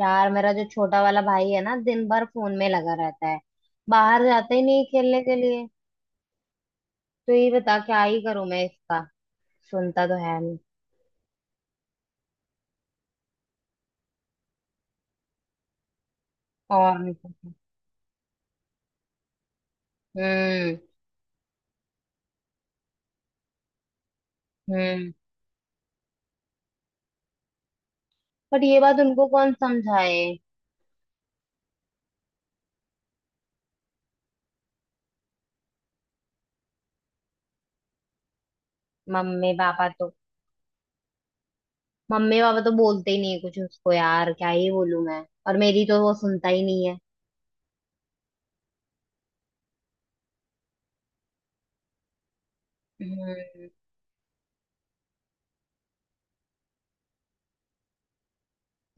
यार, मेरा जो छोटा वाला भाई है ना, दिन भर फोन में लगा रहता है। बाहर जाता ही नहीं खेलने के लिए। तो ये बता, क्या ही करूं मैं इसका? सुनता तो है नहीं। और नहीं तो-। हम्म, हम्म। बट ये बात उनको कौन समझाए? मम्मी पापा तो मम्मी पापा तो बोलते ही नहीं कुछ उसको, यार क्या ही बोलूं मैं? और मेरी तो वो सुनता ही नहीं है। हम्म,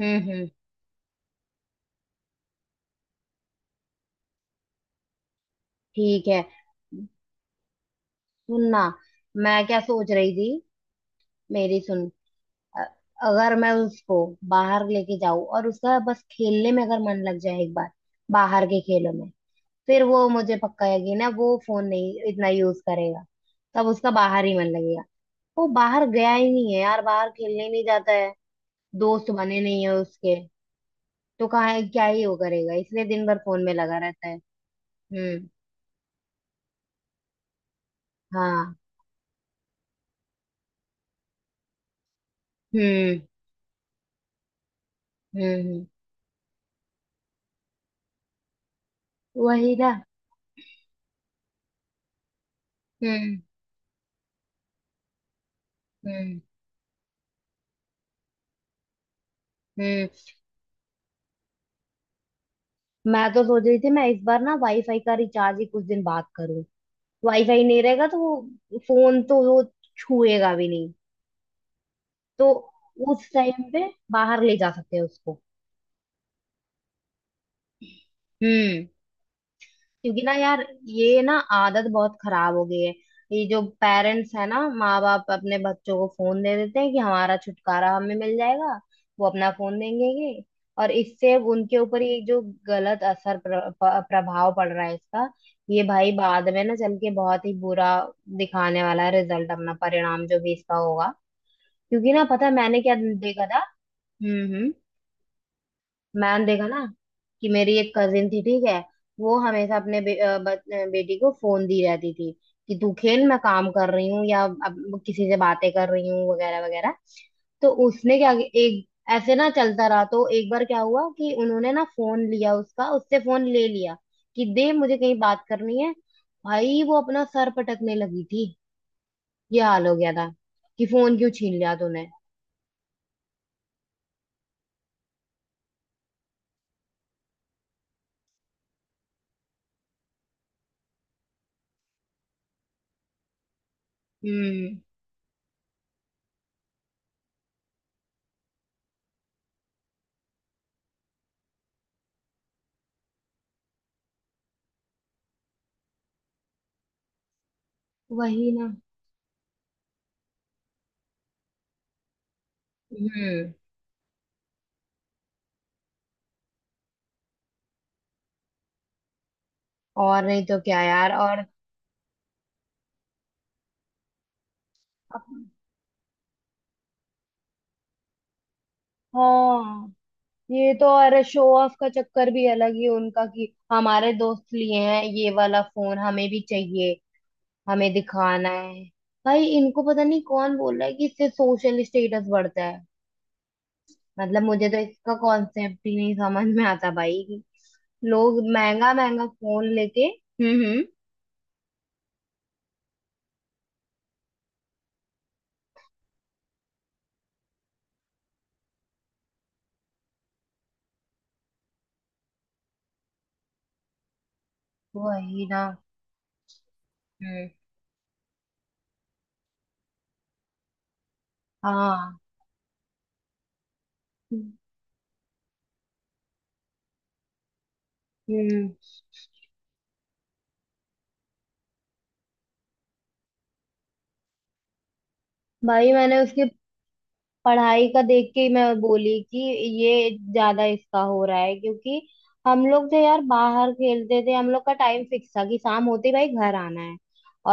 हम्म, हम्म। ठीक है। सुनना। मैं क्या सोच रही थी, मेरी सुन। अ- अगर मैं उसको बाहर लेके जाऊं और उसका बस खेलने में अगर मन लग जाए एक बार, बाहर के खेलों में, फिर वो मुझे पक्का यकीन है कि ना वो फोन नहीं इतना यूज करेगा। तब उसका बाहर ही मन लगेगा। वो बाहर गया ही नहीं है यार, बाहर खेलने ही नहीं जाता है। दोस्त बने नहीं है उसके। तो कहाँ है, क्या ही वो करेगा, इसलिए दिन भर फोन में लगा रहता है। हम्म, हाँ, हम्म, हम्म, हम्म। वही ना। हम्म, हम्म, हम्म। मैं तो सोच रही थी, मैं इस बार ना वाईफाई का रिचार्ज ही कुछ दिन बाद करूँ। वाईफाई नहीं रहेगा तो वो फोन तो वो छुएगा भी नहीं। तो उस टाइम पे बाहर ले जा सकते हैं उसको। हम्म। क्योंकि ना यार, ये ना आदत बहुत खराब हो गई है। ये जो पेरेंट्स है ना, माँ बाप अपने बच्चों को फोन दे देते हैं कि हमारा छुटकारा हमें मिल जाएगा। वो अपना फोन देंगे ये, और इससे उनके ऊपर ये जो गलत असर प्रभाव पड़ रहा है इसका। ये भाई बाद में ना चल के बहुत ही बुरा दिखाने वाला है, रिजल्ट अपना परिणाम जो भी इसका होगा। क्योंकि ना पता है मैंने क्या देखा था। हम्म, हम्म। मैंने देखा ना कि मेरी एक कजिन थी, ठीक है। वो हमेशा अपने बे, अ, ब, अ, बेटी को फोन दी रहती थी कि तू खेल, मैं काम कर रही हूँ या अब किसी से बातें कर रही हूँ वगैरह वगैरह। तो उसने क्या, एक ऐसे ना चलता रहा तो एक बार क्या हुआ कि उन्होंने ना फोन लिया उसका, उससे फोन ले लिया कि दे मुझे, कहीं बात करनी है। भाई वो अपना सर पटकने लगी थी। ये हाल हो गया था कि फोन क्यों छीन लिया तूने। हम्म। वही ना। हम्म। और नहीं तो क्या यार? और हाँ। ये तो अरे, शो ऑफ का चक्कर भी अलग ही उनका कि हमारे दोस्त लिए हैं ये वाला फोन, हमें भी चाहिए। हमें दिखाना है। भाई इनको पता नहीं कौन बोल रहा है कि इससे सोशल स्टेटस बढ़ता है। मतलब मुझे तो इसका कॉन्सेप्ट ही नहीं समझ में आता भाई कि लोग महंगा महंगा फोन लेके। हम्म, हम्म। वही ना। हम्म। हाँ, हम्म, भाई। मैंने उसके पढ़ाई का देख के ही मैं बोली कि ये ज्यादा इसका हो रहा है क्योंकि हम लोग जो यार बाहर खेलते थे, हम लोग का टाइम फिक्स था कि शाम होते ही भाई घर आना है।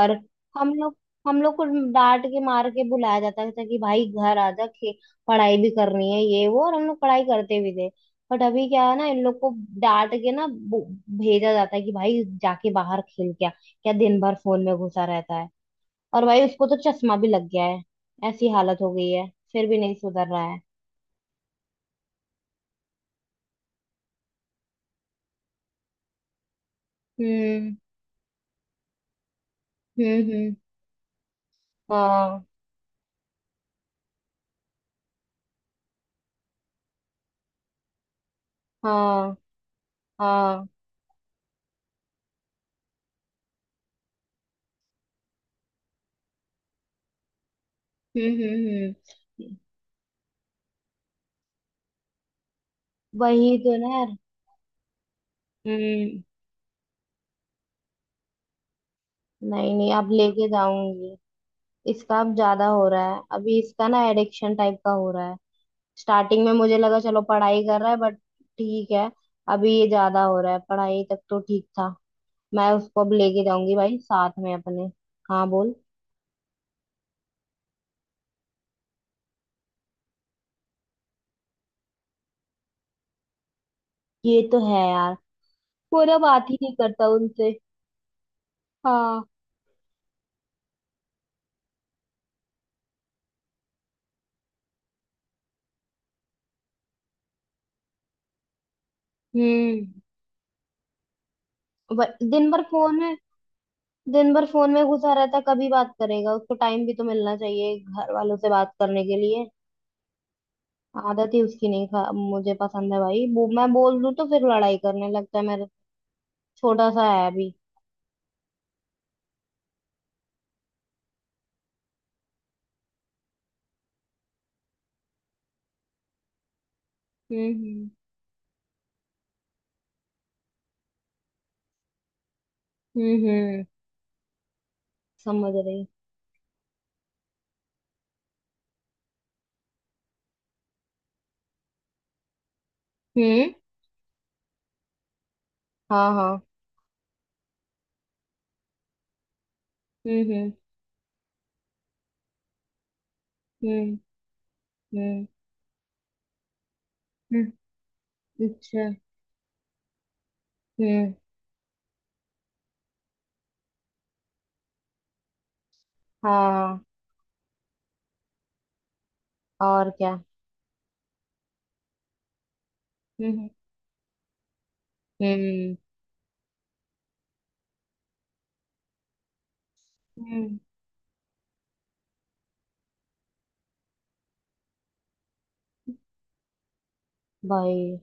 और हम लोग हम लोग को डांट के मार के बुलाया जाता था कि भाई घर आ जा पढ़ाई भी करनी है, ये वो, और हम लोग पढ़ाई करते भी थे। बट अभी क्या है ना, इन लोग को डांट के ना भेजा जाता है कि भाई जाके बाहर खेल, क्या क्या दिन भर फोन में घुसा रहता है। और भाई उसको तो चश्मा भी लग गया है। ऐसी हालत हो गई है। फिर भी नहीं सुधर रहा है। हम्म, हम्म, हम्म, हाँ, हाँ, हाँ, हम्म, हम्म, हम्म। वही तो ना यार। हम्म। नहीं नहीं, अब लेके जाऊंगी। इसका अब ज्यादा हो रहा है, अभी इसका ना एडिक्शन टाइप का हो रहा है। स्टार्टिंग में मुझे लगा चलो पढ़ाई कर रहा है, बट ठीक है। अभी ये ज्यादा हो रहा है, पढ़ाई तक तो ठीक था। मैं उसको अब लेके जाऊंगी भाई साथ में अपने। हाँ बोल। ये तो है यार, वो ना बात ही नहीं करता उनसे। हाँ। हम्म। ब- दिन भर फोन में दिन भर फोन में घुसा रहता, कभी बात करेगा? उसको टाइम भी तो मिलना चाहिए घर वालों से बात करने के लिए। आदत ही उसकी नहीं, खा मुझे पसंद है भाई, वो मैं बोल दूं तो फिर लड़ाई करने लगता है मेरा। छोटा सा है अभी। हम्म, हम्म, हम्म, हम्म। समझ रही। हम्म, हाँ, हाँ, हम्म, हम्म, हम्म, हम्म, हम्म। अच्छा। हम्म, हाँ। और क्या? हम्म, हम्म, हम्म। भाई।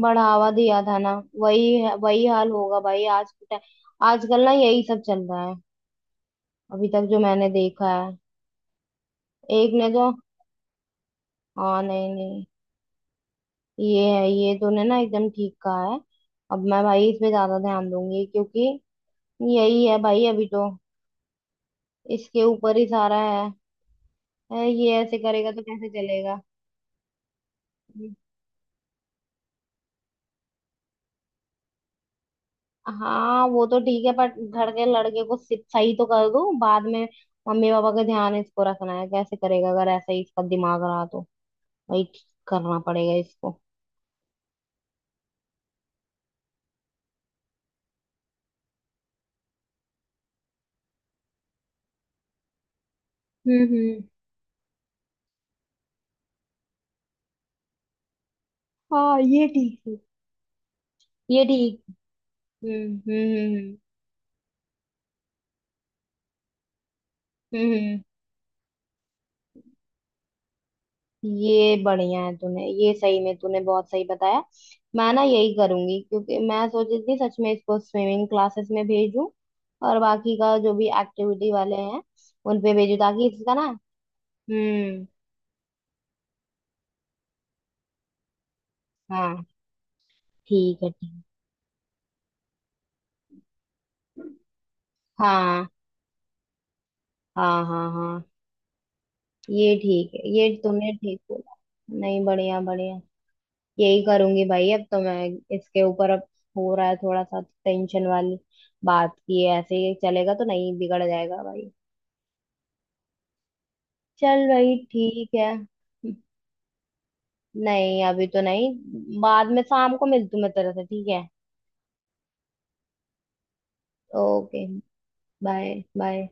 बढ़ावा दिया था ना। वही हाल होगा भाई आज के टाइम। आजकल ना यही सब चल रहा है। अभी तक जो मैंने देखा है। एक ने तो। हाँ, नहीं नहीं। ये है, ये तूने ना एकदम ठीक कहा है। अब मैं भाई इस पे ज्यादा ध्यान दूंगी क्योंकि यही है भाई अभी तो, इसके ऊपर ही सारा है। है, ये ऐसे करेगा तो कैसे चलेगा? हम्म। हाँ, वो तो ठीक है, पर घर के लड़के को सिर्फ सही तो कर दूं। बाद में मम्मी पापा का ध्यान इसको रखना है, कैसे करेगा अगर ऐसा ही इसका दिमाग रहा तो। वही करना पड़ेगा इसको। हम्म, हम्म, हाँ। ये ठीक है। ये ठीक। हम्म, हम्म, हम्म, हम्म, हम्म। ये बढ़िया है। तूने, ये सही में तूने बहुत सही बताया। मैं ना यही करूंगी क्योंकि मैं सोच रही थी सच में इसको स्विमिंग क्लासेस में भेजूं, और बाकी का जो भी एक्टिविटी वाले हैं उन पे भेजूं ताकि इसका ना। हम्म, हाँ। ठीक है, ठीक। हाँ, हाँ, हाँ, हाँ। ये ठीक है, ये तूने ठीक बोला। नहीं, बढ़िया बढ़िया। यही करूंगी भाई अब तो मैं, इसके ऊपर अब हो रहा है थोड़ा सा टेंशन वाली बात की है, ऐसे ही चलेगा तो नहीं, बिगड़ जाएगा भाई। चल भाई, ठीक है। नहीं अभी तो नहीं। बाद में शाम को मिलती हूँ मैं तेरे से, ठीक है। ओके। Bye bye.